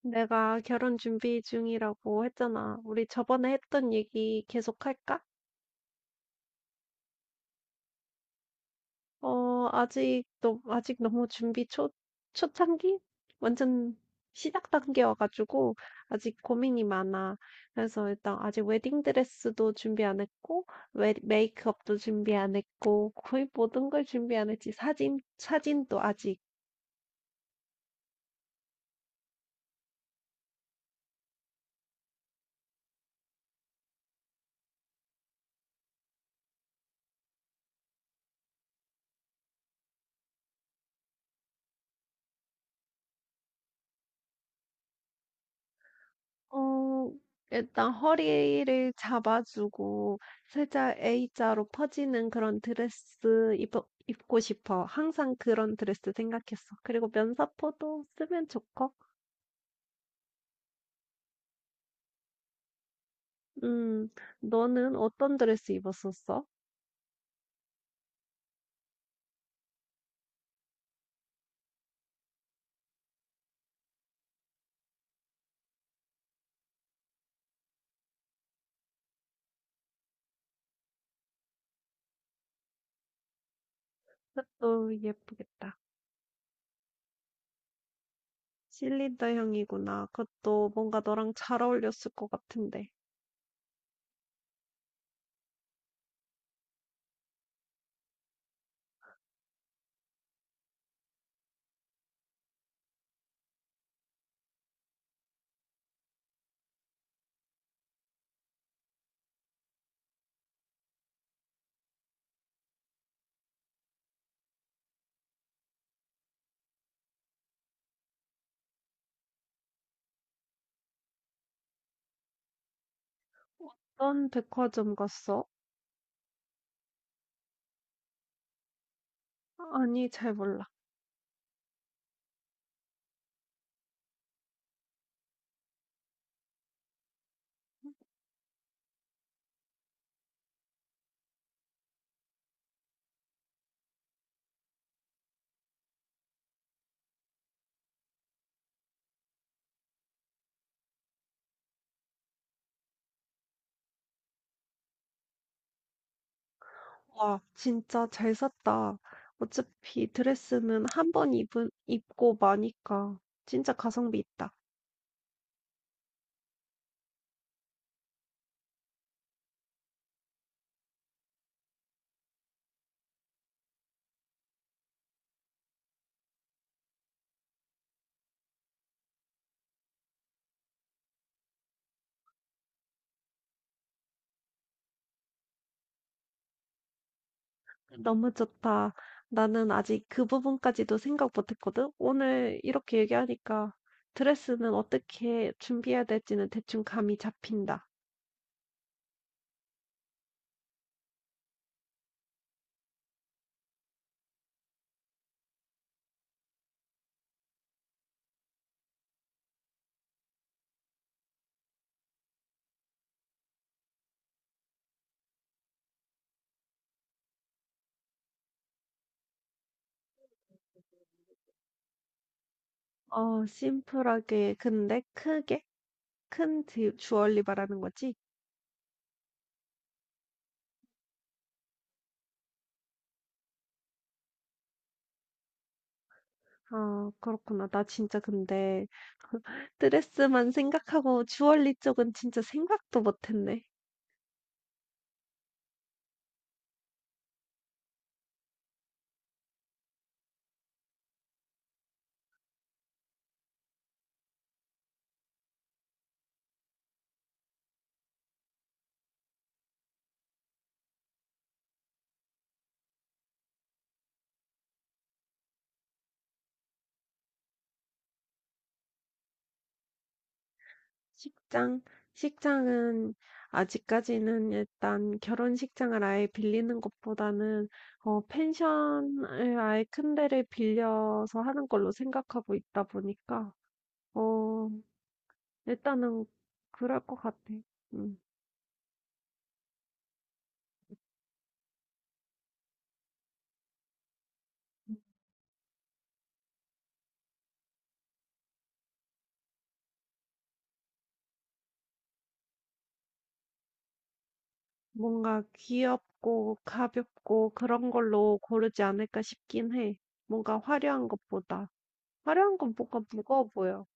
내가 결혼 준비 중이라고 했잖아. 우리 저번에 했던 얘기 계속 할까? 어, 아직, 너, 아직 너무 준비 초, 초창기? 완전 시작 단계여가지고, 아직 고민이 많아. 그래서 일단 아직 웨딩드레스도 준비 안 했고, 메이크업도 준비 안 했고, 거의 모든 걸 준비 안 했지. 사진도 아직. 어 일단 허리를 잡아 주고 살짝 A자로 퍼지는 그런 드레스 입어 입고 싶어. 항상 그런 드레스 생각했어. 그리고 면사포도 쓰면 좋고. 음, 너는 어떤 드레스 입었었어? 그것도 예쁘겠다. 실리더 향이구나. 그것도 뭔가 너랑 잘 어울렸을 것 같은데. 어떤 백화점 갔어? 아니, 잘 몰라. 와, 진짜 잘 샀다. 어차피 드레스는 한 번 입고 마니까 진짜 가성비 있다. 너무 좋다. 나는 아직 그 부분까지도 생각 못했거든. 오늘 이렇게 얘기하니까 드레스는 어떻게 준비해야 될지는 대충 감이 잡힌다. 어, 심플하게, 근데 크게, 큰 주얼리 말하는 거지? 아, 그렇구나. 나 진짜 근데 드레스만 생각하고 주얼리 쪽은 진짜 생각도 못했네. 식장? 식장은 아직까지는 일단 결혼식장을 아예 빌리는 것보다는 어 펜션을 아예 큰 데를 빌려서 하는 걸로 생각하고 있다 보니까 어 일단은 그럴 것 같아. 음. 뭔가 귀엽고 가볍고 그런 걸로 고르지 않을까 싶긴 해. 뭔가 화려한 것보다. 화려한 건 뭔가 무거워 보여.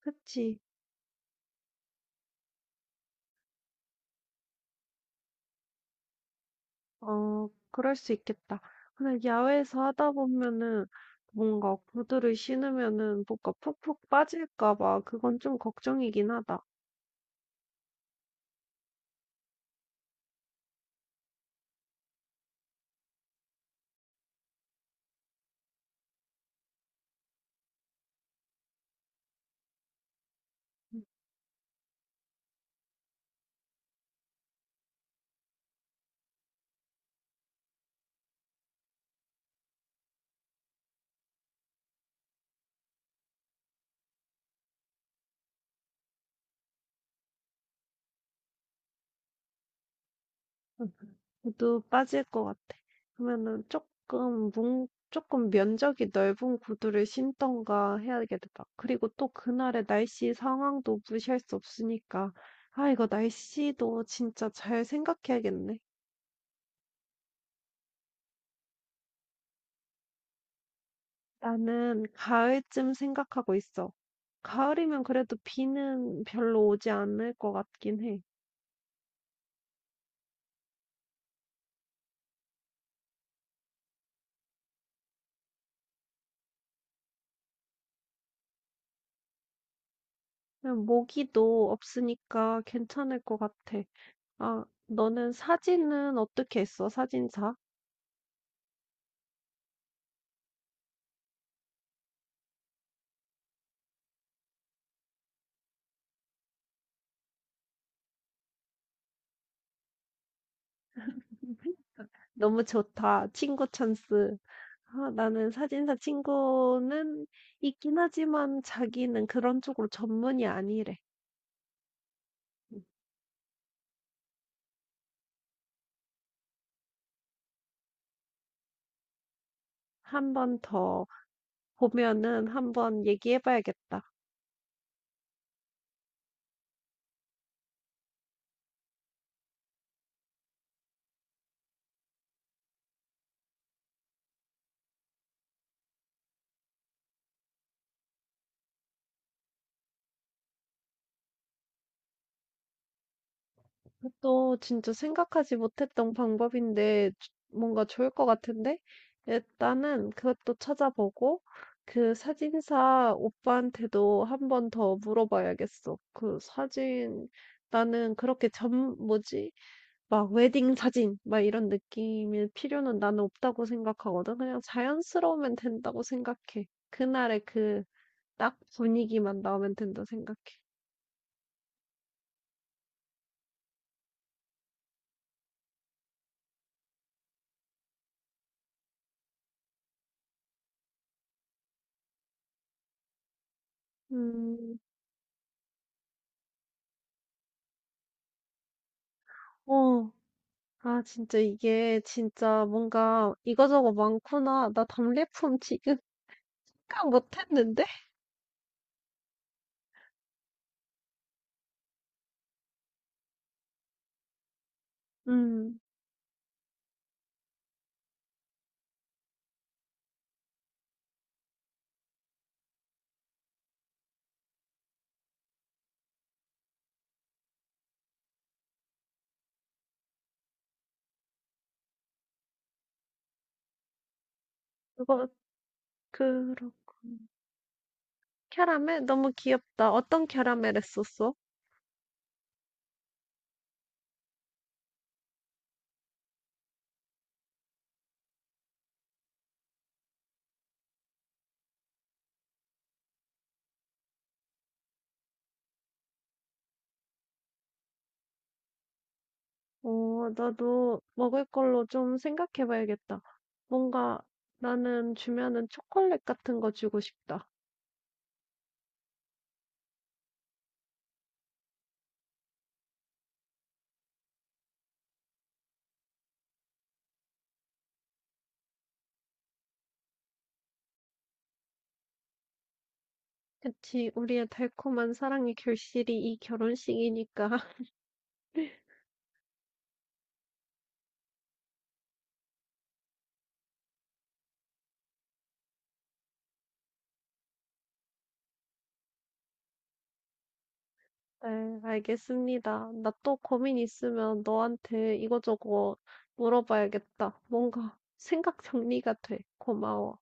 그치? 어, 그럴 수 있겠다. 근데 야외에서 하다 보면은 뭔가 구두를 신으면은 뭐가 푹푹 빠질까 봐 그건 좀 걱정이긴 하다. 음, 음, 구두 빠질 것 같아. 그러면은 조금 면적이 넓은 구두를 신던가 해야겠다. 그리고 또 그날의 날씨 상황도 무시할 수 없으니까. 아, 이거 날씨도 진짜 잘 생각해야겠네. 나는 가을쯤 생각하고 있어. 가을이면 그래도 비는 별로 오지 않을 것 같긴 해. 그냥 모기도 없으니까 괜찮을 것 같아. 아, 너는 사진은 어떻게 했어? 사진사? 너무 좋다. 친구 찬스. 아, 나는 사진사 친구는 있긴 하지만 자기는 그런 쪽으로 전문이 아니래. 한번 더 보면은 한 번 얘기해봐야겠다. 또 진짜 생각하지 못했던 방법인데 뭔가 좋을 것 같은데? 일단은 그것도 찾아보고 그 사진사 오빠한테도 한 번 더 물어봐야겠어. 그 사진 나는 그렇게 전 뭐지? 막 웨딩 사진 막 이런 느낌일 필요는 나는 없다고 생각하거든. 그냥 자연스러우면 된다고 생각해. 그날의 그 딱 분위기만 나오면 된다 생각해. 음, 어, 아, 진짜 이게 진짜 뭔가 이거저거 많구나. 나 답례품 지금 생각 못했는데? 음, 그거, 그렇고. 캐러멜? 너무 귀엽다. 어떤 캐러멜 했었어? 어, 나도 먹을 걸로 좀 생각해 봐야겠다. 뭔가 나는 주면은 초콜릿 같은 거 주고 싶다. 그치, 우리의 달콤한 사랑의 결실이 이 결혼식이니까. 네, 알겠습니다. 나 또 고민 있으면 너한테 이거저거 물어봐야겠다. 뭔가 생각 정리가 돼. 고마워.